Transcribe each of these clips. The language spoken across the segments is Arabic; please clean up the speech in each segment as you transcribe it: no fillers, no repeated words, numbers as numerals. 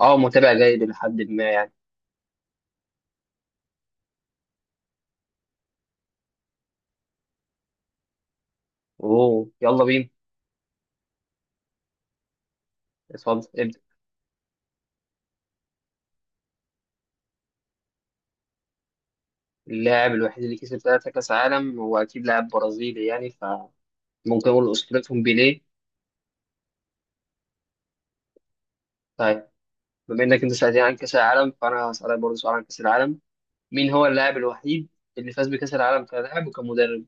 اه، متابع جيد لحد ما يعني. اوه، يلا بينا. اتفضل، ابدأ. اللاعب الوحيد اللي كسب ثلاثة كأس عالم هو أكيد لاعب برازيلي يعني، فممكن أقول أسطورتهم بيليه. طيب. بما إنك أنت سألتني عن كأس العالم فأنا هسألك برضه سؤال عن كأس العالم. مين هو اللاعب الوحيد اللي فاز بكأس العالم كلاعب وكمدرب؟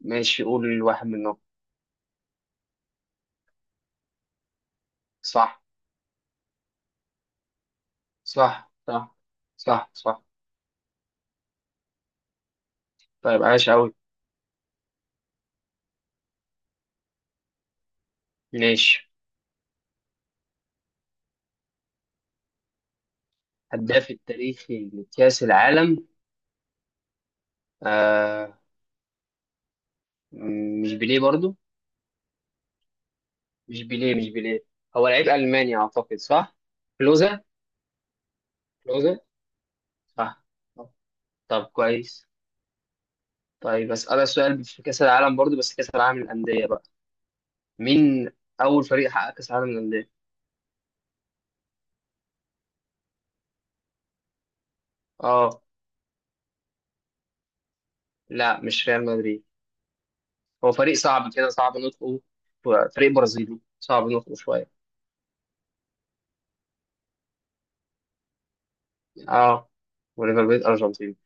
ماشي، قول واحد منهم. صح، صح، صح، صح، صح. طيب، عاش أوي. ماشي. هداف التاريخي لكأس العالم. آه. مش بيليه برضه. مش بيليه، مش بيليه. هو لعيب ألماني أعتقد، صح؟ كلوزا. كلوزا، صح. طب كويس. طيب أسألك سؤال في كأس العالم برضو، بس كأس العالم للأندية بقى. مين أول فريق حقق كأس العالم للأندية؟ آه. لا، مش ريال مدريد. هو فريق صعب كده، صعب نطقه. فريق برازيلي صعب نطقه شوية. آه. وليفر بيت أرجنتين.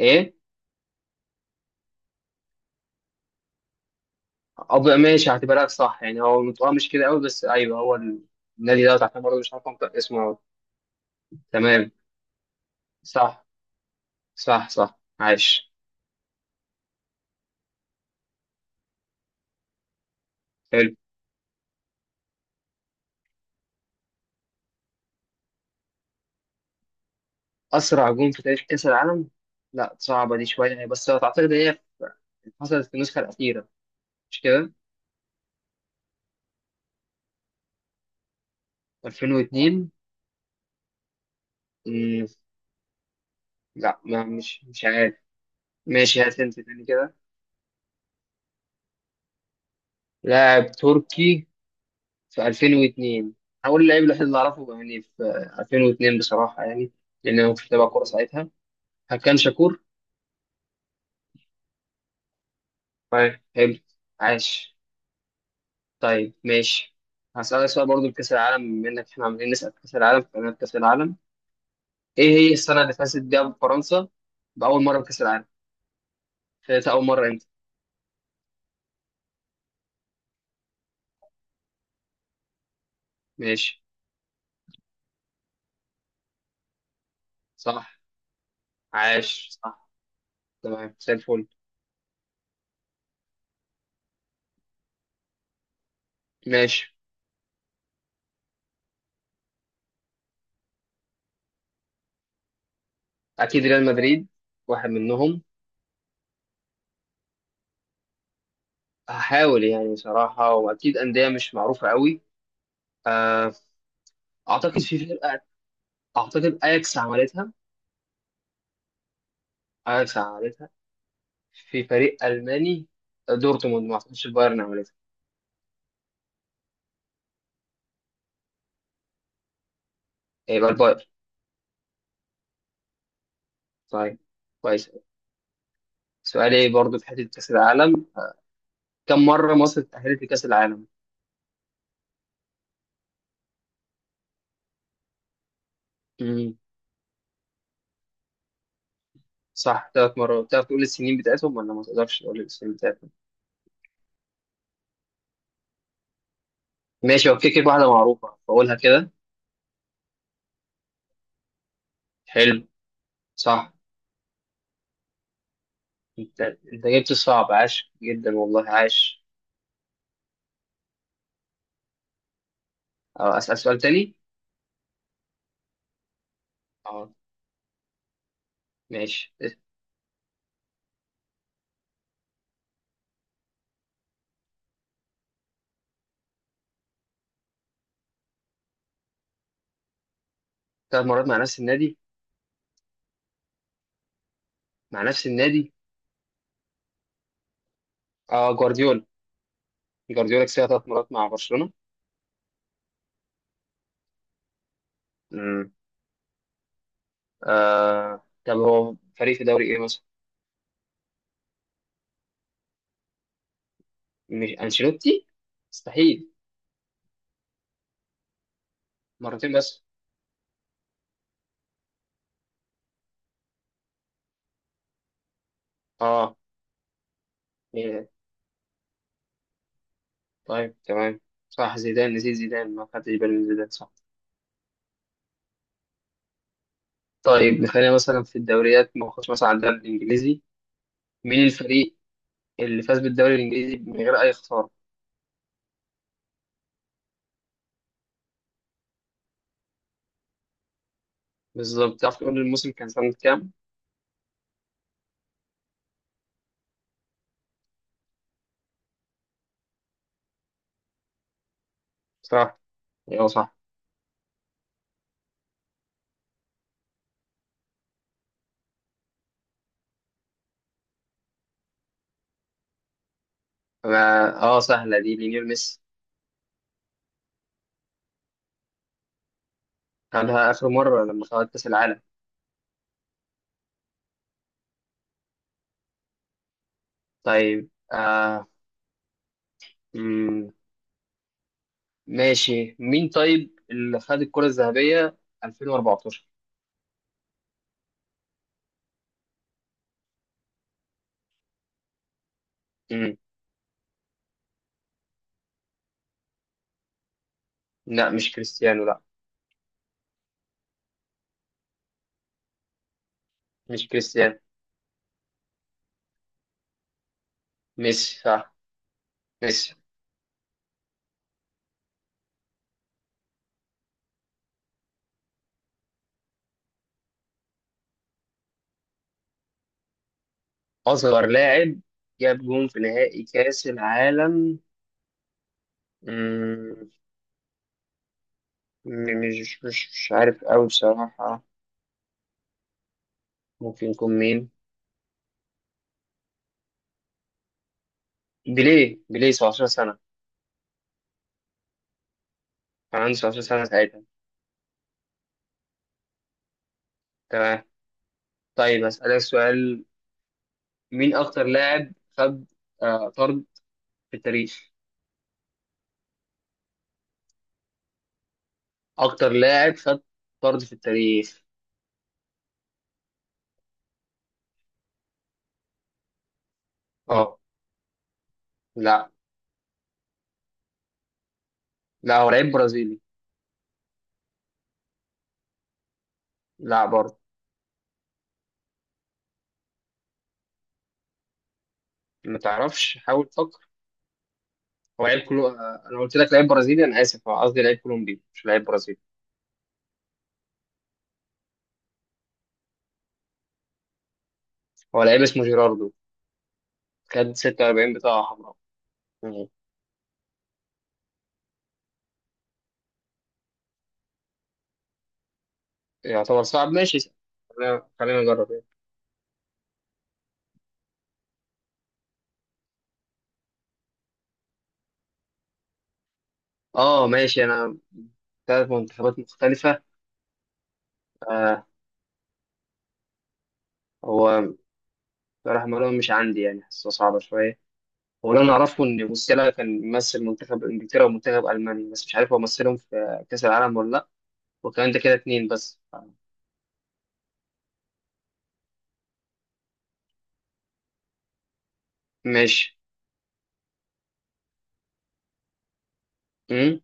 إيه؟ أب، ماشي هعتبرك صح يعني، هو نطقها مش كده قوي بس أيوه هو. النادي ده عشان برضه مش عارف أنطق اسمه أوي. تمام. صح، صح، صح، عايش. حلو. أسرع جون في تاريخ كأس العالم. لا، صعبة دي شوية يعني، بس أعتقد هي حصلت في النسخة الأخيرة. مش كده. 2002. مم. لا، ما مش مش عارف. ماشي، هات أنت تاني كده. لاعب تركي. في 2002. هقول اللاعب الوحيد اللي أعرفه يعني في 2002 بصراحة يعني، لأن أنا ما كنتش بتابع كورة ساعتها. هكان شاكور. طيب، حلو. عاش. طيب، ماشي. هسألك سؤال برضه في كأس العالم، بما إنك إحنا عمالين نسأل في كأس العالم فأنا في كأس العالم. ايه هي السنة اللي فازت بيها فرنسا بأول مرة بكأس العالم؟ فازت أول مرة امتى؟ ماشي. صح. عاش، صح. تمام زي الفل. ماشي. أكيد ريال مدريد. واحد منهم. هحاول يعني صراحة، وأكيد أندية مش معروفة قوي. آه. أعتقد في فرقة. أعتقد أياكس عملتها. أياكس عملتها. في فريق ألماني. دورتموند ما أعتقدش البايرن عملتها. إيه، يبقى البايرن. طيب. كويس. سؤالي برضو في حتة كأس العالم. كم مرة مصر اتأهلت لكأس العالم؟ صح، ثلاث مرات. تعرف تقول السنين بتاعتهم ولا ما تقدرش تقول السنين بتاعتهم؟ ماشي، هو كده كده واحدة معروفة فأقولها كده. حلو. صح. انت جبت الصعب، عاش جدا، والله عاش. اه، أسأل سؤال تاني. اه. ماشي. ثلاث مرات مع نفس النادي. مع نفس النادي. اه، جوارديولا. جوارديولا كسبها ثلاث مرات مع برشلونة. امم. آه، طب هو فريق في دوري ايه مثلا؟ مش انشيلوتي، مستحيل. مرتين بس. اه. إيه. طيب، تمام. صح، زيدان، نسيت زيدان، ما خدتش بالي من زيدان، صح. طيب نخلينا مثلا في الدوريات، ما نخش مثلا على الدوري الانجليزي. مين الفريق اللي فاز بالدوري الانجليزي من غير اي خساره؟ بالظبط، تعرف تقول لي الموسم كان سنه كام؟ صح. ايوه، صح. أنا- اه، سهله دي، ليونيل ميسي. خدها اخر مره لما خد كاس العالم. طيب، آه. مم. ماشي، مين طيب اللي خد الكره الذهبيه 2014؟ مم. لا، مش كريستيانو، لا. مش كريستيانو. ميسي، صح. ميسي. اصغر لاعب جاب جون في نهائي كاس العالم. مم. مش عارف قوي بصراحة. ممكن يكون مين؟ بيليه، بيليه، 17 سنة. كان عنده 17 سنة ساعتها. تمام. طيب أسألك سؤال. مين أكتر لاعب خد طرد في التاريخ؟ أكتر لاعب خد طرد في التاريخ. أه. لا. لا، هو لعيب برازيلي. لا، برضه. ما تعرفش؟ حاول تفكر. هو لعيب كلو آه، أنا قلت لك لعيب برازيلي، أنا آسف، هو قصدي لعيب كولومبي مش لعيب برازيلي. هو لعيب اسمه جيراردو، خد 46 بطاقة حمراء. يعتبر صعب، ماشي. خلينا، خلينا نجرب يعني. اه، ماشي انا. ثلاث منتخبات مختلفة. آه. هو صلاح مرون مش عندي يعني، حاسه صعبة شوية. هو اللي انا اعرفه ان موسيالا كان ممثل منتخب انجلترا ومنتخب المانيا، بس مش عارف هو مثلهم في كأس العالم ولا لا. وكان ده كده اتنين بس. ماشي. امم.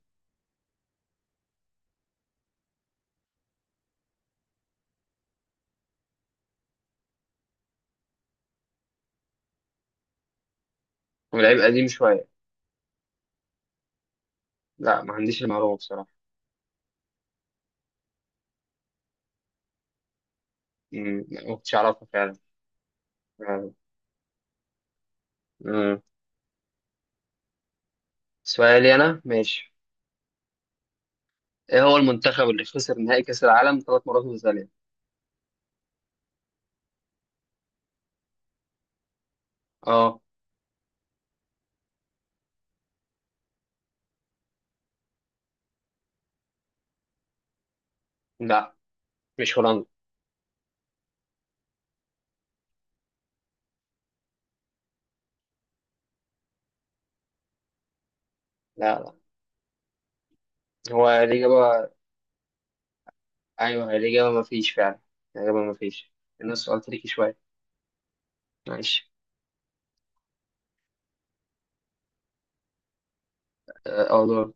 ولعيب قديم شوية. لا، ما عنديش المعلومة بصراحة. مم. ما كنتش اعرفها فعلا. امم. سؤالي انا، ماشي. ايه هو المنتخب اللي خسر نهائي كأس العالم ثلاث مرات متتالية؟ اه. لا، مش هولندا. لا، لا. هو الإجابة. أيوه هي الإجابة، مفيش فعلا. الإجابة مفيش. الناس سؤال تريكي شوية. معلش. اه، آه، دور.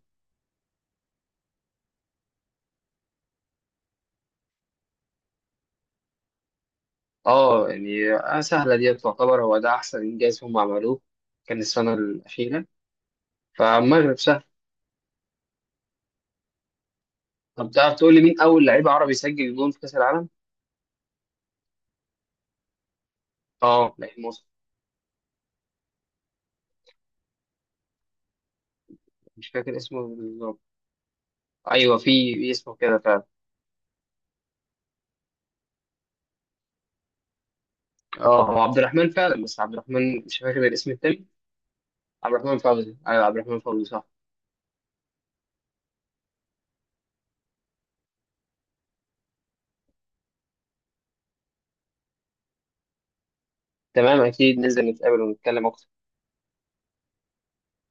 اه يعني، سهلة دي تعتبر، هو ده أحسن إنجاز هم عملوه. كان السنة الأخيرة. فالمغرب سهل. طب تعرف تقول لي مين أول لعيب عربي سجل جون في كأس العالم؟ اه، لعيب مصري. مش فاكر اسمه بالظبط. أيوه في اسمه كده فعلا. اه، هو عبد الرحمن فعلا، بس عبد الرحمن مش فاكر الاسم التاني. عبد الرحمن فوزي، أيوه عبد الرحمن فوزي، صح. تمام، اكيد ننزل نتقابل ونتكلم اكتر.